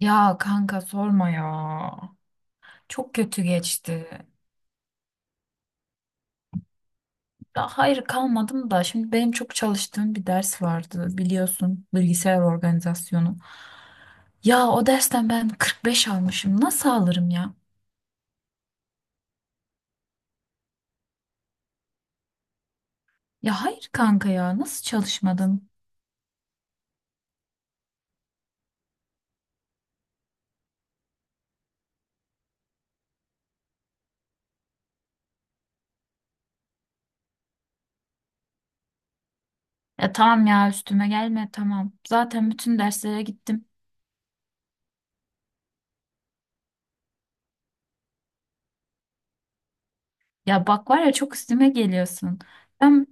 Ya kanka sorma ya. Çok kötü geçti. Ya hayır kalmadım da şimdi benim çok çalıştığım bir ders vardı, biliyorsun, bilgisayar organizasyonu. Ya o dersten ben 45 almışım. Nasıl alırım ya? Ya hayır kanka, ya nasıl çalışmadım? Ya tamam ya, üstüme gelme, tamam. Zaten bütün derslere gittim. Ya bak, var ya, çok üstüme geliyorsun. Ben,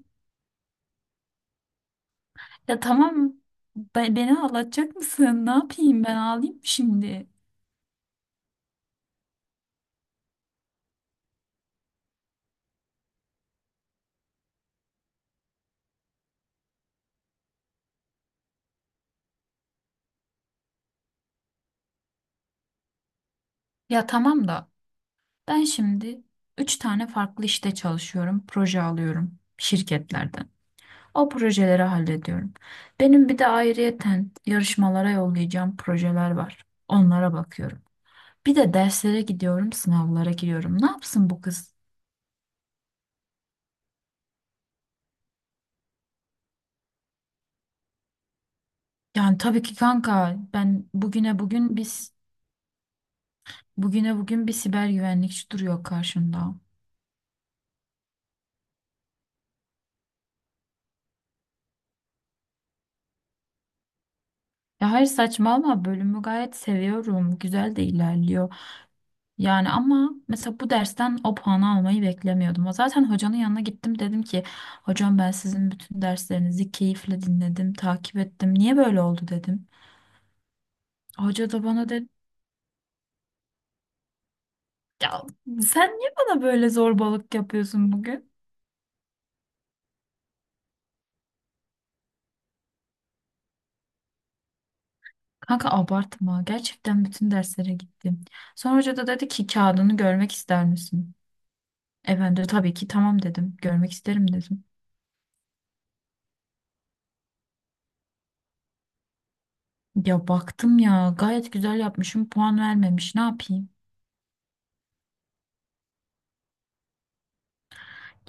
ya tamam Beni ağlatacak mısın? Ne yapayım, ben ağlayayım mı şimdi? Ya tamam da, ben şimdi üç tane farklı işte çalışıyorum, proje alıyorum şirketlerden. O projeleri hallediyorum. Benim bir de ayrıyeten yarışmalara yollayacağım projeler var. Onlara bakıyorum. Bir de derslere gidiyorum, sınavlara giriyorum. Ne yapsın bu kız? Yani tabii ki kanka, ben bugüne bugün biz bugüne bugün bir siber güvenlikçi duruyor karşımda. Ya hayır, saçmalama, bölümü gayet seviyorum. Güzel de ilerliyor. Yani ama mesela bu dersten o puanı almayı beklemiyordum. Zaten hocanın yanına gittim, dedim ki hocam, ben sizin bütün derslerinizi keyifle dinledim, takip ettim. Niye böyle oldu dedim. Hoca da bana dedi, ya sen niye bana böyle zorbalık yapıyorsun bugün? Kanka abartma, gerçekten bütün derslere gittim. Sonra hoca da dedi ki kağıdını görmek ister misin? E ben de tabii ki tamam dedim, görmek isterim dedim. Ya baktım ya, gayet güzel yapmışım, puan vermemiş, ne yapayım?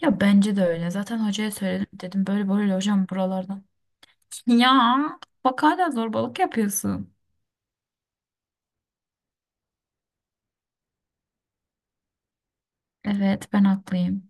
Ya bence de öyle. Zaten hocaya söyledim. Dedim böyle böyle hocam, buralardan. Ya bak, hala zorbalık yapıyorsun. Evet, ben haklıyım.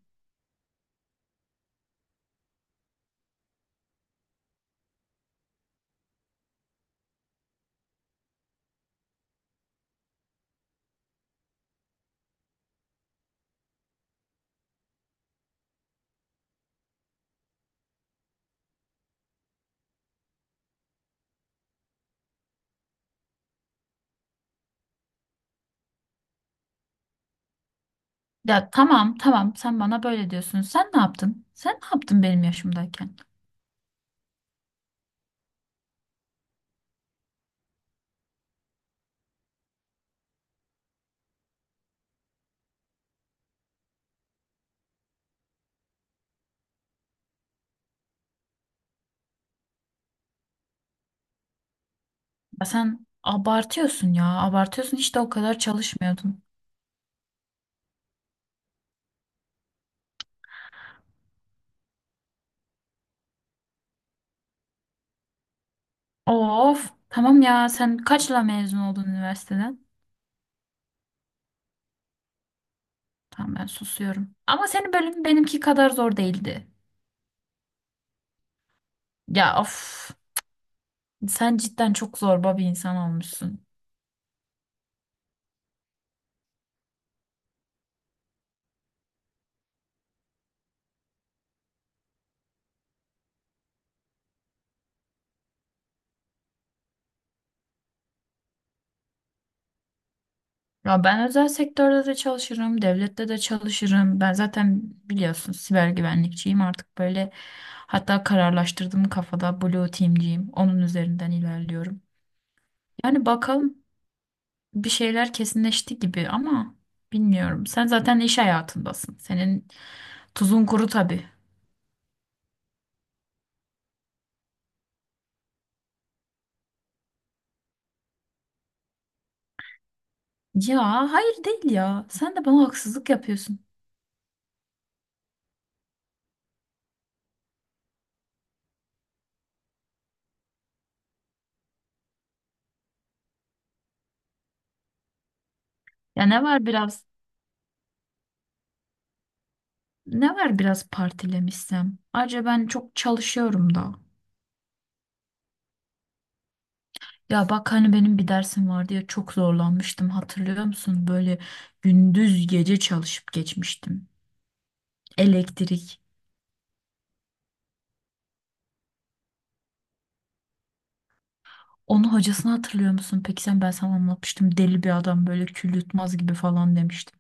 Ya tamam tamam, sen bana böyle diyorsun. Sen ne yaptın? Sen ne yaptın benim yaşımdayken? Ya sen abartıyorsun ya. Abartıyorsun, hiç de o kadar çalışmıyordun. Of, tamam ya, sen kaçla mezun oldun üniversiteden? Tamam, ben susuyorum. Ama senin bölümün benimki kadar zor değildi. Ya of, sen cidden çok zorba bir insan olmuşsun. Ya ben özel sektörde de çalışırım, devlette de çalışırım. Ben zaten biliyorsun siber güvenlikçiyim artık, böyle hatta kararlaştırdım kafada, Blue Team'ciyim. Onun üzerinden ilerliyorum. Yani bakalım, bir şeyler kesinleşti gibi ama bilmiyorum. Sen zaten iş hayatındasın. Senin tuzun kuru tabii. Ya hayır değil ya. Sen de bana haksızlık yapıyorsun. Ya ne var biraz Ne var biraz partilemişsem. Ayrıca ben çok çalışıyorum da. Ya bak hani benim bir dersim vardı ya, çok zorlanmıştım, hatırlıyor musun? Böyle gündüz gece çalışıp geçmiştim. Elektrik. Onu hocasını hatırlıyor musun? Peki sen, ben sana anlatmıştım. Deli bir adam, böyle kül yutmaz gibi falan demiştim.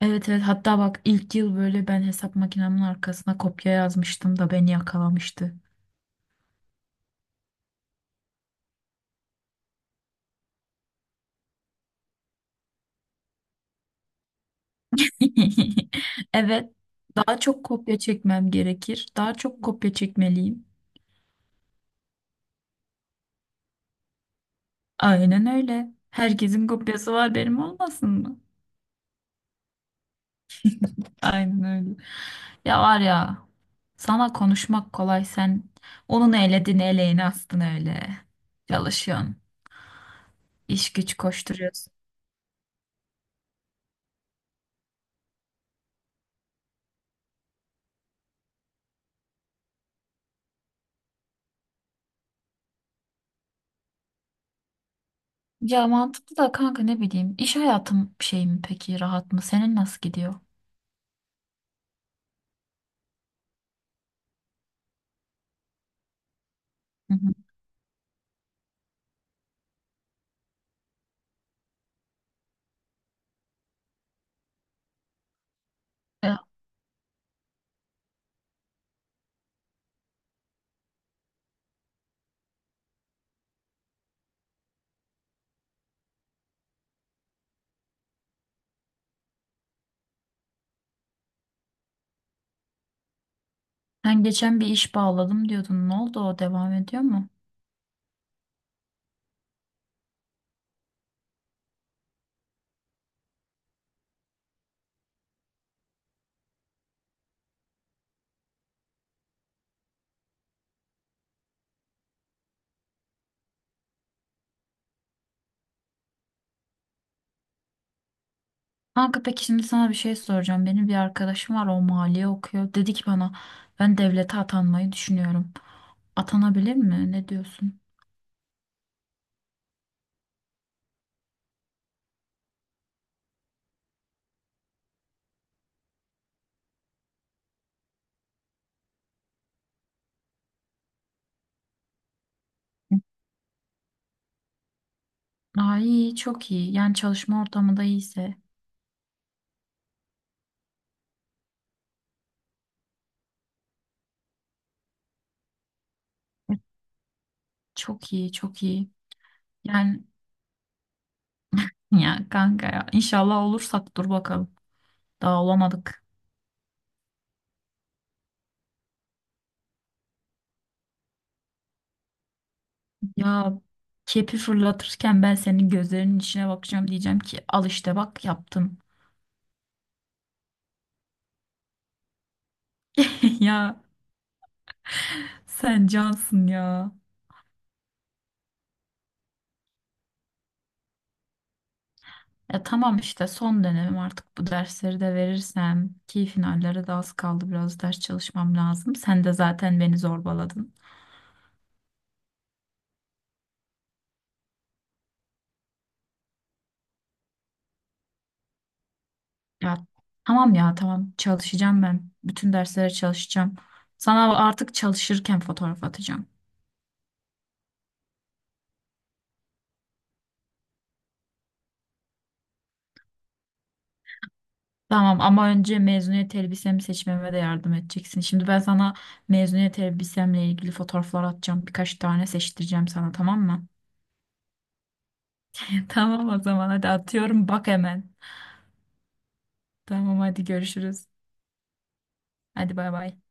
Evet evet, hatta bak ilk yıl böyle ben hesap makinemin arkasına kopya yazmıştım da beni yakalamıştı. Evet, daha çok kopya çekmem gerekir. Daha çok kopya çekmeliyim. Aynen öyle. Herkesin kopyası var, benim olmasın mı? Aynen öyle. Ya var ya, sana konuşmak kolay, sen onun eledin eleğini astın öyle. Çalışıyorsun, iş güç koşturuyorsun. Ya mantıklı da kanka, ne bileyim, iş hayatım şey mi peki, rahat mı? Senin nasıl gidiyor? Hı hı. Ya, sen geçen bir iş bağladım diyordun. Ne oldu, o devam ediyor mu? Kanka peki, şimdi sana bir şey soracağım. Benim bir arkadaşım var, o maliye okuyor. Dedi ki bana, ben devlete atanmayı düşünüyorum. Atanabilir mi? Ne diyorsun? Aa, iyi, çok iyi. Yani çalışma ortamı da iyiyse. Çok iyi, çok iyi. Yani ya kanka ya, inşallah olursak, dur bakalım. Daha olamadık. Ya kepi fırlatırken ben senin gözlerinin içine bakacağım, diyeceğim ki al işte bak, yaptım. Ya sen cansın ya. Ya tamam işte, son dönemim artık, bu dersleri de verirsem ki finallere de az kaldı, biraz ders çalışmam lazım. Sen de zaten beni zorbaladın. Ya tamam ya, tamam, çalışacağım ben. Bütün derslere çalışacağım. Sana artık çalışırken fotoğraf atacağım. Tamam, ama önce mezuniyet elbisemi seçmeme de yardım edeceksin. Şimdi ben sana mezuniyet elbisemle ilgili fotoğraflar atacağım. Birkaç tane seçtireceğim sana, tamam mı? Tamam o zaman, hadi atıyorum bak hemen. Tamam, hadi görüşürüz. Hadi bay bay.